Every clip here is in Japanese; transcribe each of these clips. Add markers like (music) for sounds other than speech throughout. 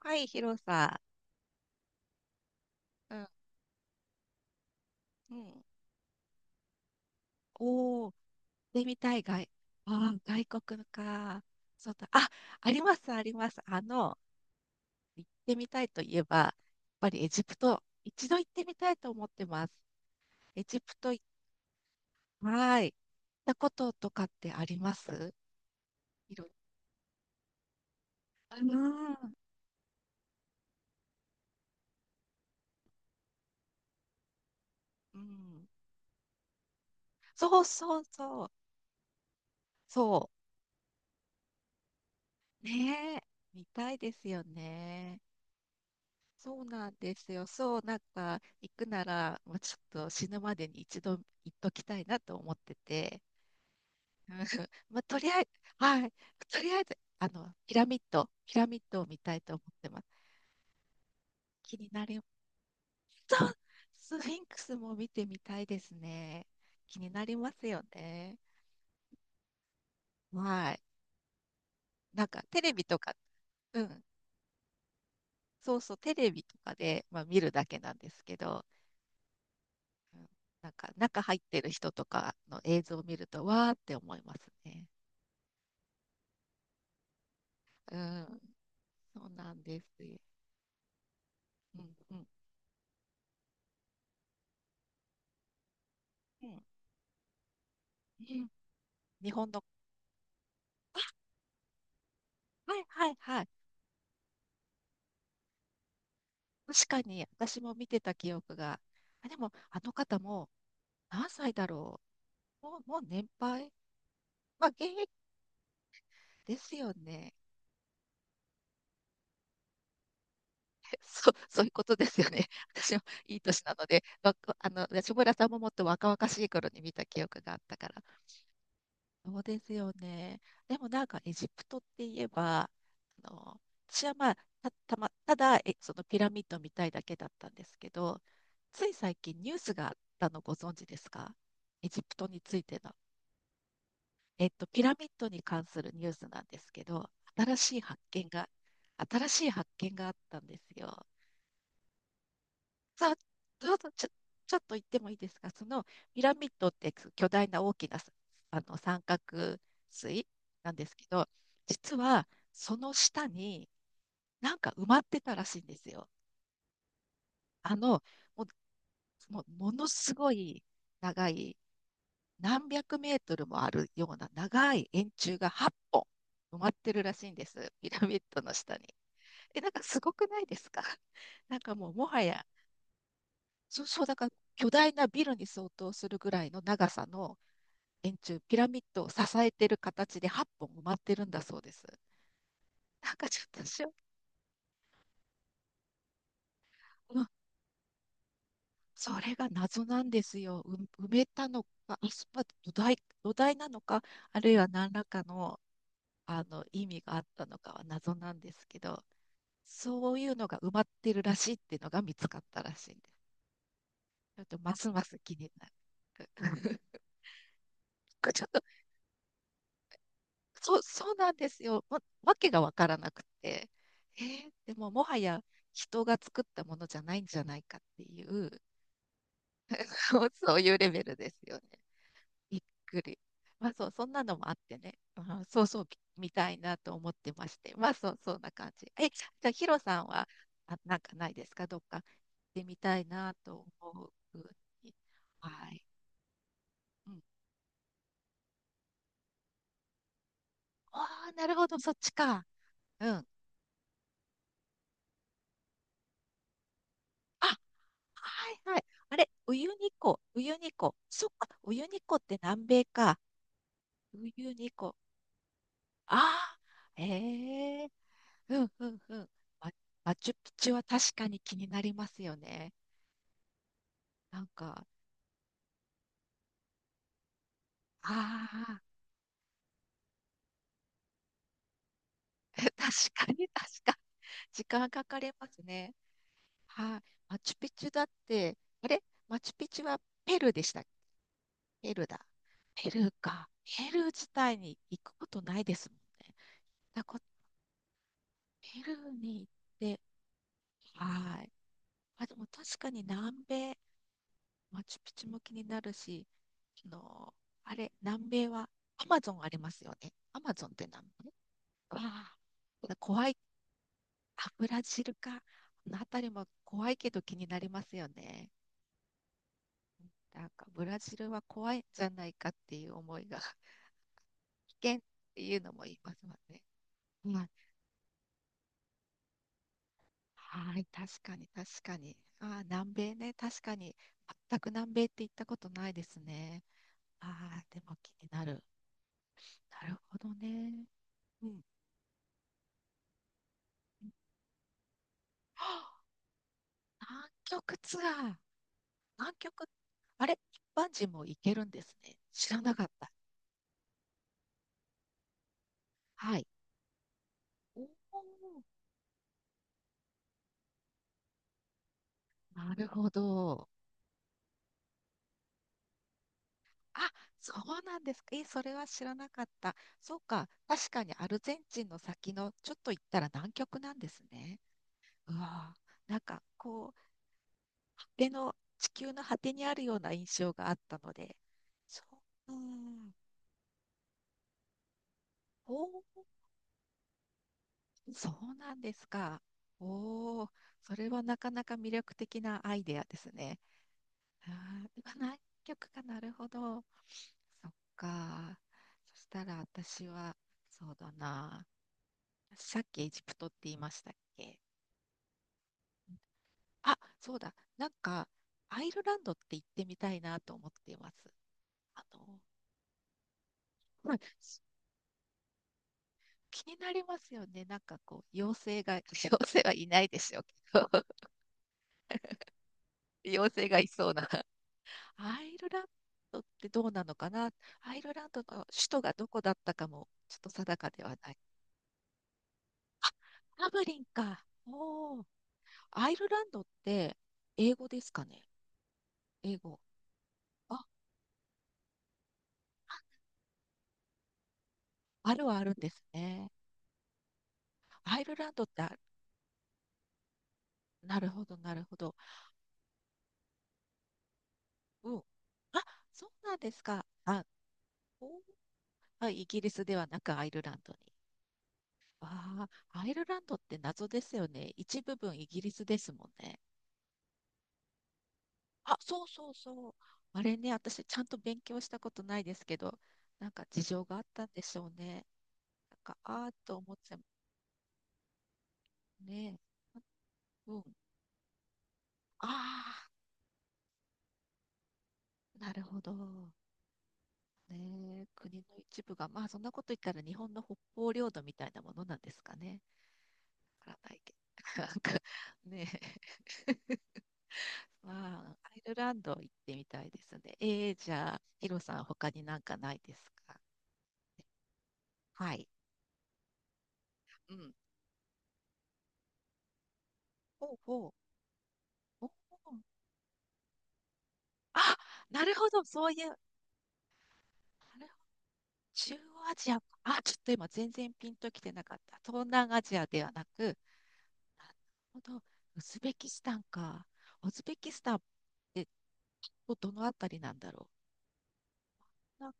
はい、広さ。うん。うん。おー、でみたい外。ああ、外国のか。そうだ。あ、あります、あります。行ってみたいといえば、やっぱりエジプト、一度行ってみたいと思ってます。エジプト、はい。行ったこととかってあります？いろあのーうん。そうそうそう。そう。ねえ。見たいですよね。そうなんですよ。そう、なんか、行くなら、もうちょっと死ぬまでに一度行っときたいなと思ってて、うん (laughs) まあ、とりあえず、はい、とりあえず、ピラミッドを見たいと思ってます。気になります。そう、スフィンクスも見てみたいですね。気になりますよね。はい。なんか、テレビとか、うん、そうそう、テレビとかで、まあ、見るだけなんですけど、なんか中入ってる人とかの映像を見ると、わーって思いますね。うん、そうなんですよ。うんうんうんうん。日本の、あ、はいはいはい。確かに私も見てた記憶が。あ、でもあの方も何歳だろう？もう年配。まあ現役ですよね。(laughs) そう、そういうことですよね。(laughs) 私もいい年なので、安村さんももっと若々しい頃に見た記憶があったから。そうですよね。でもなんかエジプトって言えば、あの、私はまあ、ただ、そのピラミッドみたいだけだったんですけど、つい最近ニュースがあったのご存知ですか？エジプトについての。ピラミッドに関するニュースなんですけど、新しい発見が、新しい発見があったんですよ。さあ、ちょっと、ちょ、ちょっと言ってもいいですか？そのピラミッドって巨大な大きなさ、三角錐なんですけど、実はその下になんか埋まってたらしいんですよ。あの、もうものすごい長い、何百メートルもあるような長い円柱が8本埋まってるらしいんです、ピラミッドの下に。なんかすごくないですか？ (laughs) なんかもうもはや、そう、そう、だから巨大なビルに相当するぐらいの長さの円柱、ピラミッドを支えてる形で8本埋まってるんだそうです。なんかちょっとうん、それが謎なんですよ。埋めたのか、まあ土台なのか、あるいは何らかの、意味があったのかは謎なんですけど、そういうのが埋まってるらしいっていうのが見つかったらしいんです。ちょっとますます気になる。(laughs) ちょっとそう、そうなんですよ。わけがわからなくて。でももはや人が作ったものじゃないんじゃないかっていう (laughs)、そうそういうレベルですよね。びっくり。まあそう、そんなのもあってね。あ、そうそう、見たいなと思ってまして。まあそう、そんな感じ。じゃあヒロさんは、あ、なんかないですか？どっか行ってみたいなと思う国。はい。うん。ああ、なるほど、そっちか。うん。あ、はいはい。あれ、ウユニ湖、ウユニ湖。そっか、ウユニ湖って南米か。ウユニ湖。ああ、ええ、うんうんうん。マ、マチュピチュは確かに気になりますよね。なんか、ああ、(laughs) 確かに確かに。時間かかりますね。はい、マチュピチュだって、あれ、マチュピチュはペルーでしたっけ？ペルーだ。ペルーか。ペルー自体に行くことないですもんね。だからこペルーに行って、はい。あ、でも確かに南米、マチュピチュも気になるし、あの、あれ、南米はアマゾンありますよね。アマゾンって南米？わあ、怖い。あ、ブラジルか。あの辺りも怖いけど気になりますよね。なんかブラジルは怖いんじゃないかっていう思いが、危険っていうのも言いますもんね。うん、はい、確かに確かに。ああ、南米ね、確かに。全く南米って行ったことないですね。ああ、でも気になる。なるほどね。うん。はあ、南極ツアー。南極、あれ、一般人も行けるんですね。知らなかった。はい。おお、なるほど。あ、そうなんですか。え、それは知らなかった。そうか。確かにアルゼンチンの先のちょっと行ったら南極なんですね。うわあ、なんかこう、果ての、地球の果てにあるような印象があったので。そう。うん。おそうなんですか。おお、それはなかなか魅力的なアイデアですね。あー、うわ、南極か、なるほど。そっか。そしたら私は、そうだな。さっきエジプトって言いましたっけ？あ、そうだ。なんか、アイルランドって行ってみたいなと思っています。あの、はい、気になりますよね。なんかこう、妖精が、(laughs) 妖精はいないでしょうけど、(laughs) 妖精がいそうなアイルランドってどうなのかな？アイルランドの首都がどこだったかもちょっと定かではない。あ、ダブリンか。おお、アイルランドって英語ですかね？英語。あ、あるはあるんですね。アイルランドって、あ、なるほど、なるほど。うん。あ、そうなんですか。あ、おー、あ、イギリスではなくアイルランドに。ああ、アイルランドって謎ですよね。一部分イギリスですもんね。あ、そうそうそう。あれね、私ちゃんと勉強したことないですけど、なんか事情があったんでしょうね。なんか、ああ、と思ってね。うん。ああ、なるほど。ねえ、国の一部が、まあそんなこと言ったら日本の北方領土みたいなものなんですかね。わからないけど。(laughs) なんかねえ、(laughs) まあ、アイルランド行ってみたいですね。ええ、じゃあ、ヒロさん、他になんかないですか？はい。うん。ほうほう。おー、あ、なるほど、そういう、なるほど、中央アジアか、あ、ちょっと今全然ピンときてなかった。東南アジアではなく、なるほど、ウズベキスタンか。ウズベキスタンってどのあたりなんだろう？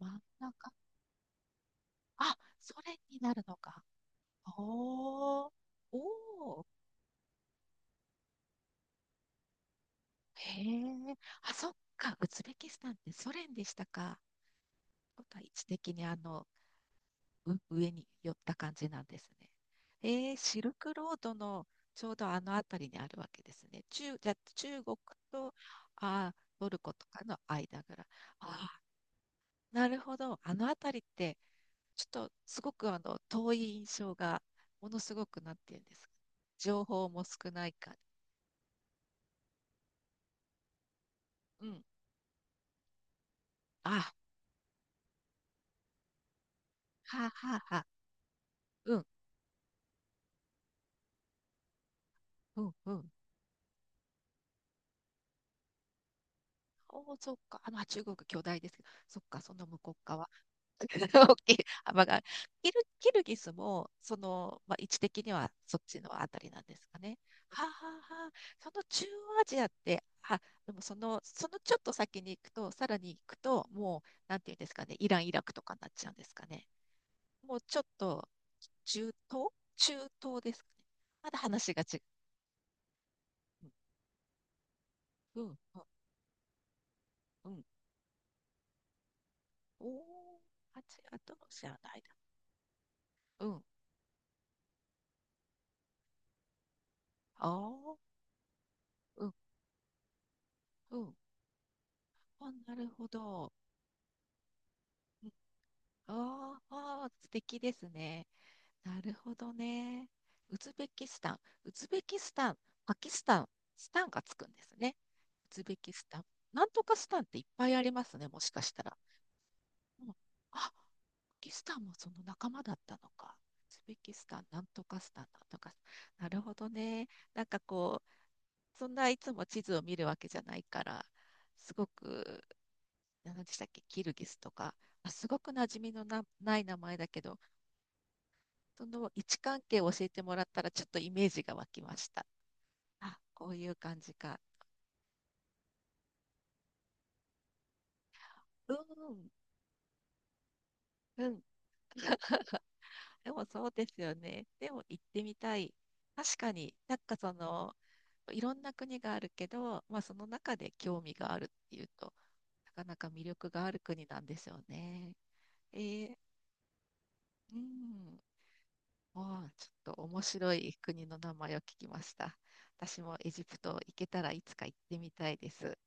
真ん中。あ、ソ連になるのか。おー、おー、へえ。あ、そっか、ウズベキスタンってソ連でしたか。そうだ、位置的に上に寄った感じなんですね。シルクロードのちょうどあの辺りにあるわけですね。じゃあ中国とトルコとかの間ぐらい。あー、なるほど。あの辺りって、ちょっとすごく遠い印象が、ものすごくなんていうんですか？情報も少ないから。うん。あ、はあはあはあ。うん、うん、うん。おお、そっか。中国巨大ですけど、そっか、その向こう側。(laughs) 大きい幅がある。キルギスも、まあ、位置的にはそっちのあたりなんですかね。はあ、はあはあ、その中央アジアって、あ、でもそのちょっと先に行くと、さらに行くと、もう、なんていうんですかね、イラン、イラクとかになっちゃうんですかね。もうちょっと、中東中東ですかね。まだ話が違う。うん、うん、うん。うん、おー、アジアとロシアの間。うん。ああ、うん、うん。あ、なるほど。あーあー、素敵ですね。なるほどね。ウズベキスタン、ウズベキスタン、パキスタン、スタンがつくんですね。ウズベキスタン。なんとかスタンっていっぱいありますね、もしかしたら。うん、あ、パキスタンもその仲間だったのか。ウズベキスタン、なんとかスタン、なんとかスタン。なるほどね。なんかこう、そんないつも地図を見るわけじゃないから、すごく、何でしたっけ、キルギスとか、すごく馴染みのない名前だけど、その位置関係を教えてもらったら、ちょっとイメージが湧きました。あ、こういう感じか。うん、うん。でもそうですよね。でも行ってみたい。確かになんかいろんな国があるけど、まあその中で興味があるっていうと、なかなか魅力がある国なんですよね。えー、うん。ああ、ちょっと面白い国の名前を聞きました。私もエジプト行けたらいつか行ってみたいです。